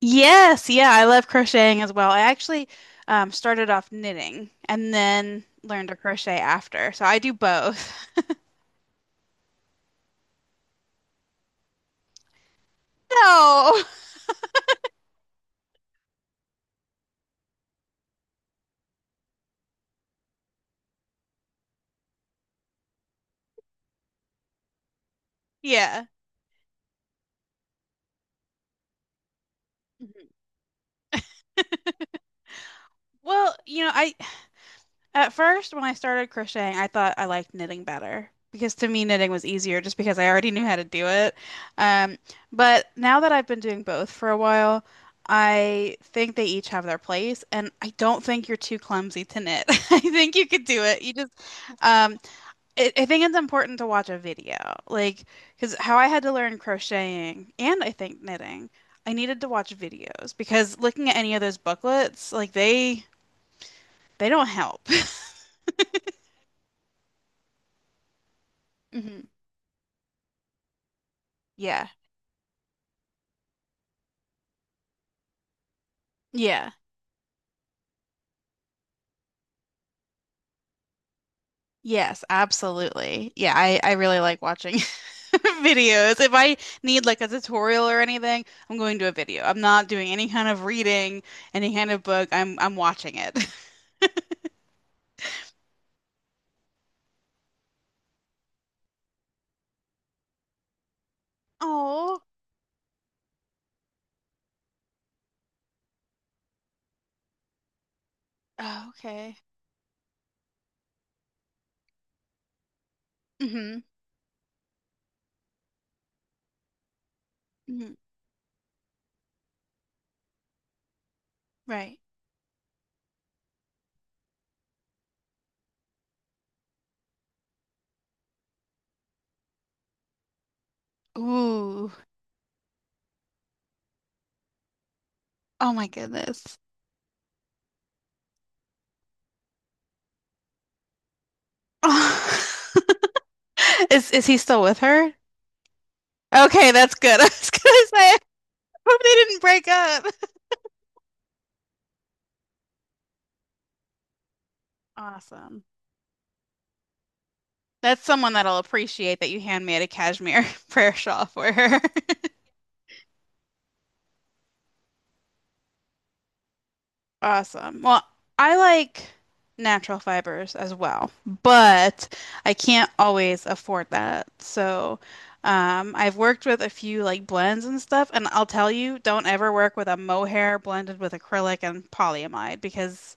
Yes, yeah, I love crocheting as well. I actually started off knitting and then learned to crochet after. So I do both. No. Yeah. Mhm. Well, you know, I at first when I started crocheting, I thought I liked knitting better because to me knitting was easier just because I already knew how to do it. Um, but now that I've been doing both for a while, I think they each have their place, and I don't think you're too clumsy to knit. I think you could do it. You just um, I think it's important to watch a video. Like, because how I had to learn crocheting and I think knitting, I needed to watch videos because looking at any of those booklets, like they don't help. Hmm. Yeah. Yeah. Yes, absolutely. Yeah, I really like watching videos. If I need like a tutorial or anything, I'm going to a video. I'm not doing any kind of reading, any kind of book. I'm watching it. Oh, oh, okay. Hmm. Hmm. Right. Ooh. Oh my goodness. Is he still with her? Okay, that's good. I was gonna say, I hope they didn't break up. Awesome. That's someone that will appreciate that you hand me a cashmere prayer shawl for her. Awesome. Well, I like natural fibers as well, but I can't always afford that. So, I've worked with a few like blends and stuff, and I'll tell you, don't ever work with a mohair blended with acrylic and polyamide because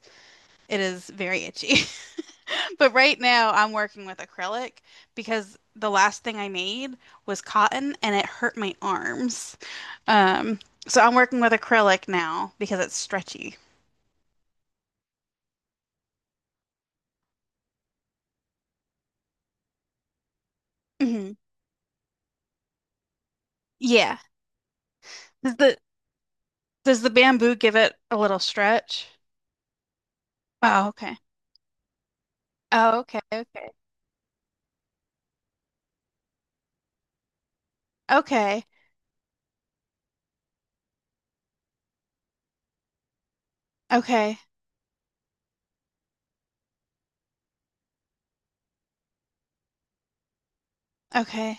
it is very itchy. But right now, I'm working with acrylic because the last thing I made was cotton and it hurt my arms. Um, so I'm working with acrylic now because it's stretchy. Mhm. Yeah. Does the does the bamboo give it a little stretch? Oh, okay. Oh, okay, okay. Okay. Okay. Okay.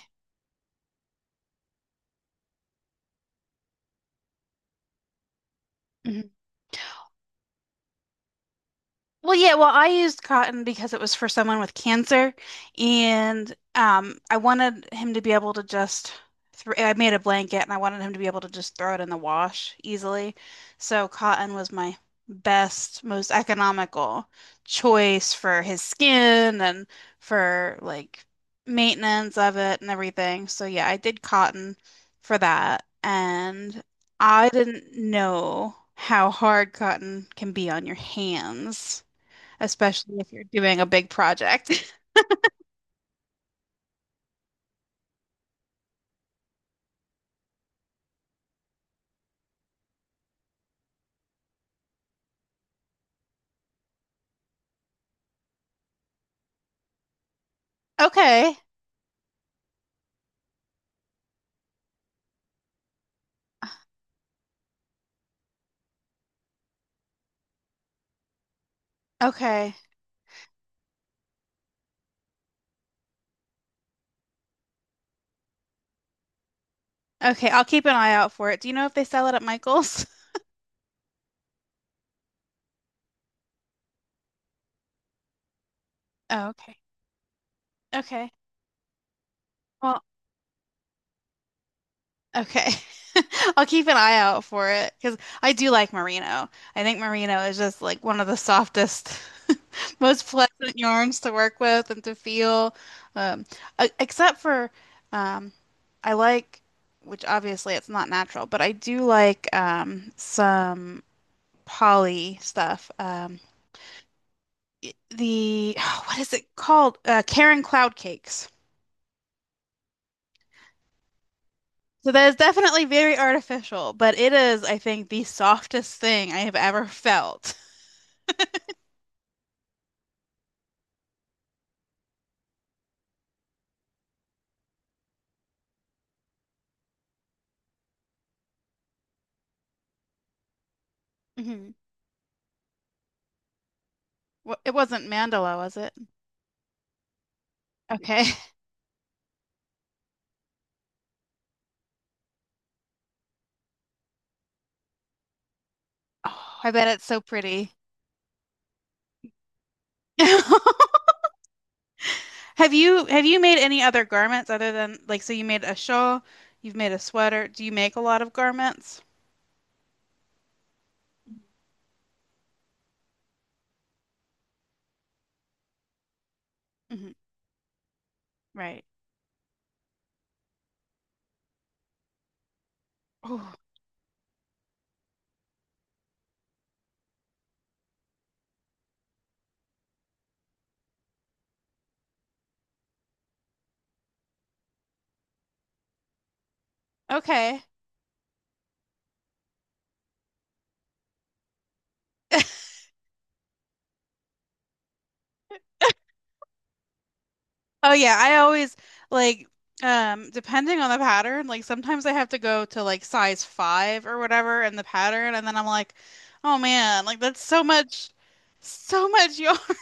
Well, yeah, well, I used cotton because it was for someone with cancer, and I wanted him to be able to just throw, I made a blanket and I wanted him to be able to just throw it in the wash easily. So cotton was my best, most economical choice for his skin and for like maintenance of it and everything. So yeah, I did cotton for that, and I didn't know how hard cotton can be on your hands especially if you're doing a big project. Okay. Okay. Okay. I'll keep an eye out for it. Do you know if they sell it at Michael's? Oh, okay. Okay. Well, okay. I'll keep an eye out for it because I do like merino. I think merino is just like one of the softest, most pleasant yarns to work with and to feel. Um, Except for, um, I like, which obviously it's not natural, but I do like some poly stuff. The what is it called? Karen cloud cakes. So that is definitely very artificial, but it is, I think, the softest thing I have ever felt. Hmm. It wasn't mandala, was it? Okay. Oh, I bet it's so pretty. Have you made any other garments other than like so you made a shawl, you've made a sweater. Do you make a lot of garments? Hmm. Right. Oh, okay. Oh yeah, I always like depending on the pattern, like sometimes I have to go to like size 5 or whatever in the pattern and then I'm like, oh man, like that's so much yarn.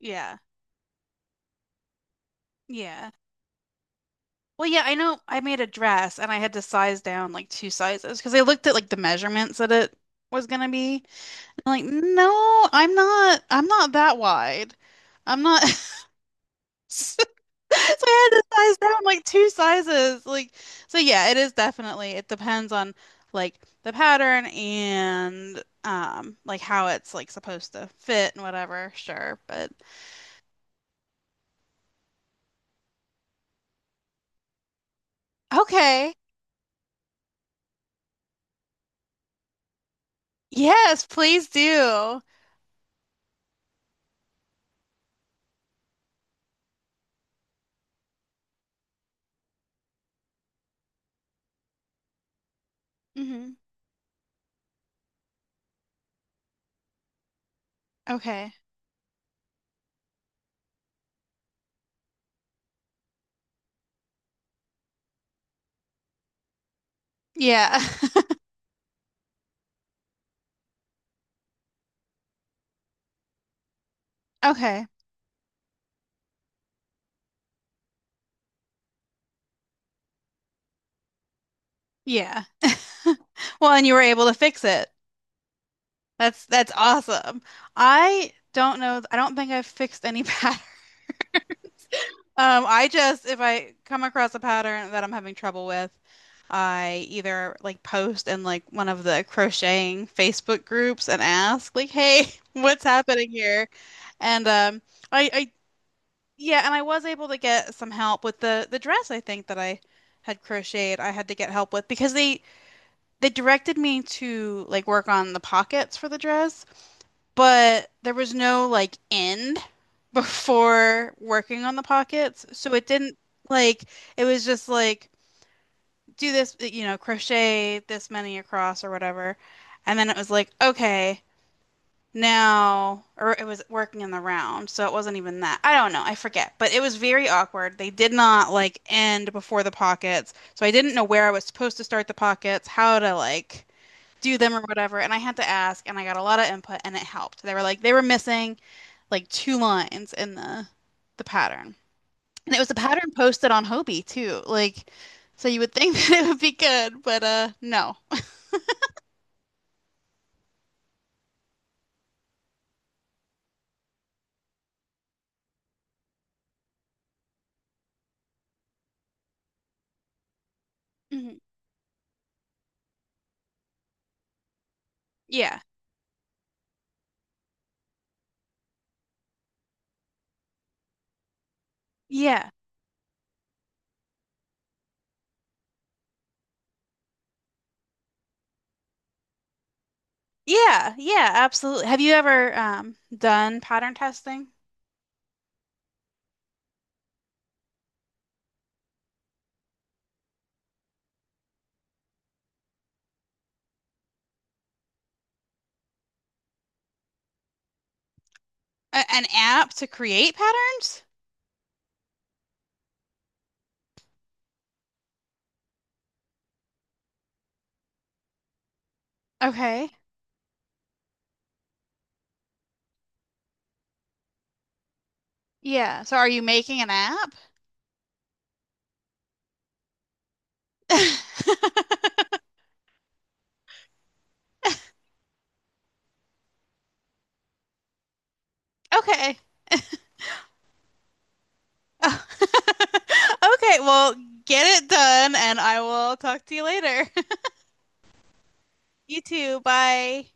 Yeah. Yeah. Well, yeah, I know I made a dress and I had to size down like 2 sizes because I looked at like the measurements that it was gonna be. I'm like, no, I'm not that wide. I'm not So I had to size down like two sizes. Like, so yeah, it is definitely, it depends on like the pattern and like how it's like supposed to fit and whatever, sure. But okay. Yes, please do. Hmm. Okay. Yeah. Okay. Yeah. Well, and you were able to fix it. That's awesome. I don't know. I don't think I've fixed any pattern. I just, if I come across a pattern that I'm having trouble with, I either like post in like one of the crocheting Facebook groups and ask like, "Hey, what's happening here?" And I, I, yeah, and I was able to get some help with the dress I think that I had crocheted. I had to get help with because they directed me to like work on the pockets for the dress but there was no like end before working on the pockets. So it didn't like it was just like do this, you know, crochet this many across or whatever. And then it was like, okay, now or it was working in the round, so it wasn't even that. I don't know, I forget. But it was very awkward. They did not like end before the pockets. So I didn't know where I was supposed to start the pockets, how to like do them or whatever. And I had to ask, and I got a lot of input, and it helped. They were like, they were missing like 2 lines in the pattern. And it was a pattern posted on Hobie too. Like so you would think that it would be good, but no. Mhm. Yeah. Yeah. Yeah. Yeah, absolutely. Have you ever done pattern testing? A an app to create patterns? Okay. Yeah. So are you making an app? Okay. Oh. Okay, well, get it done and I will talk to you later. You too. Bye.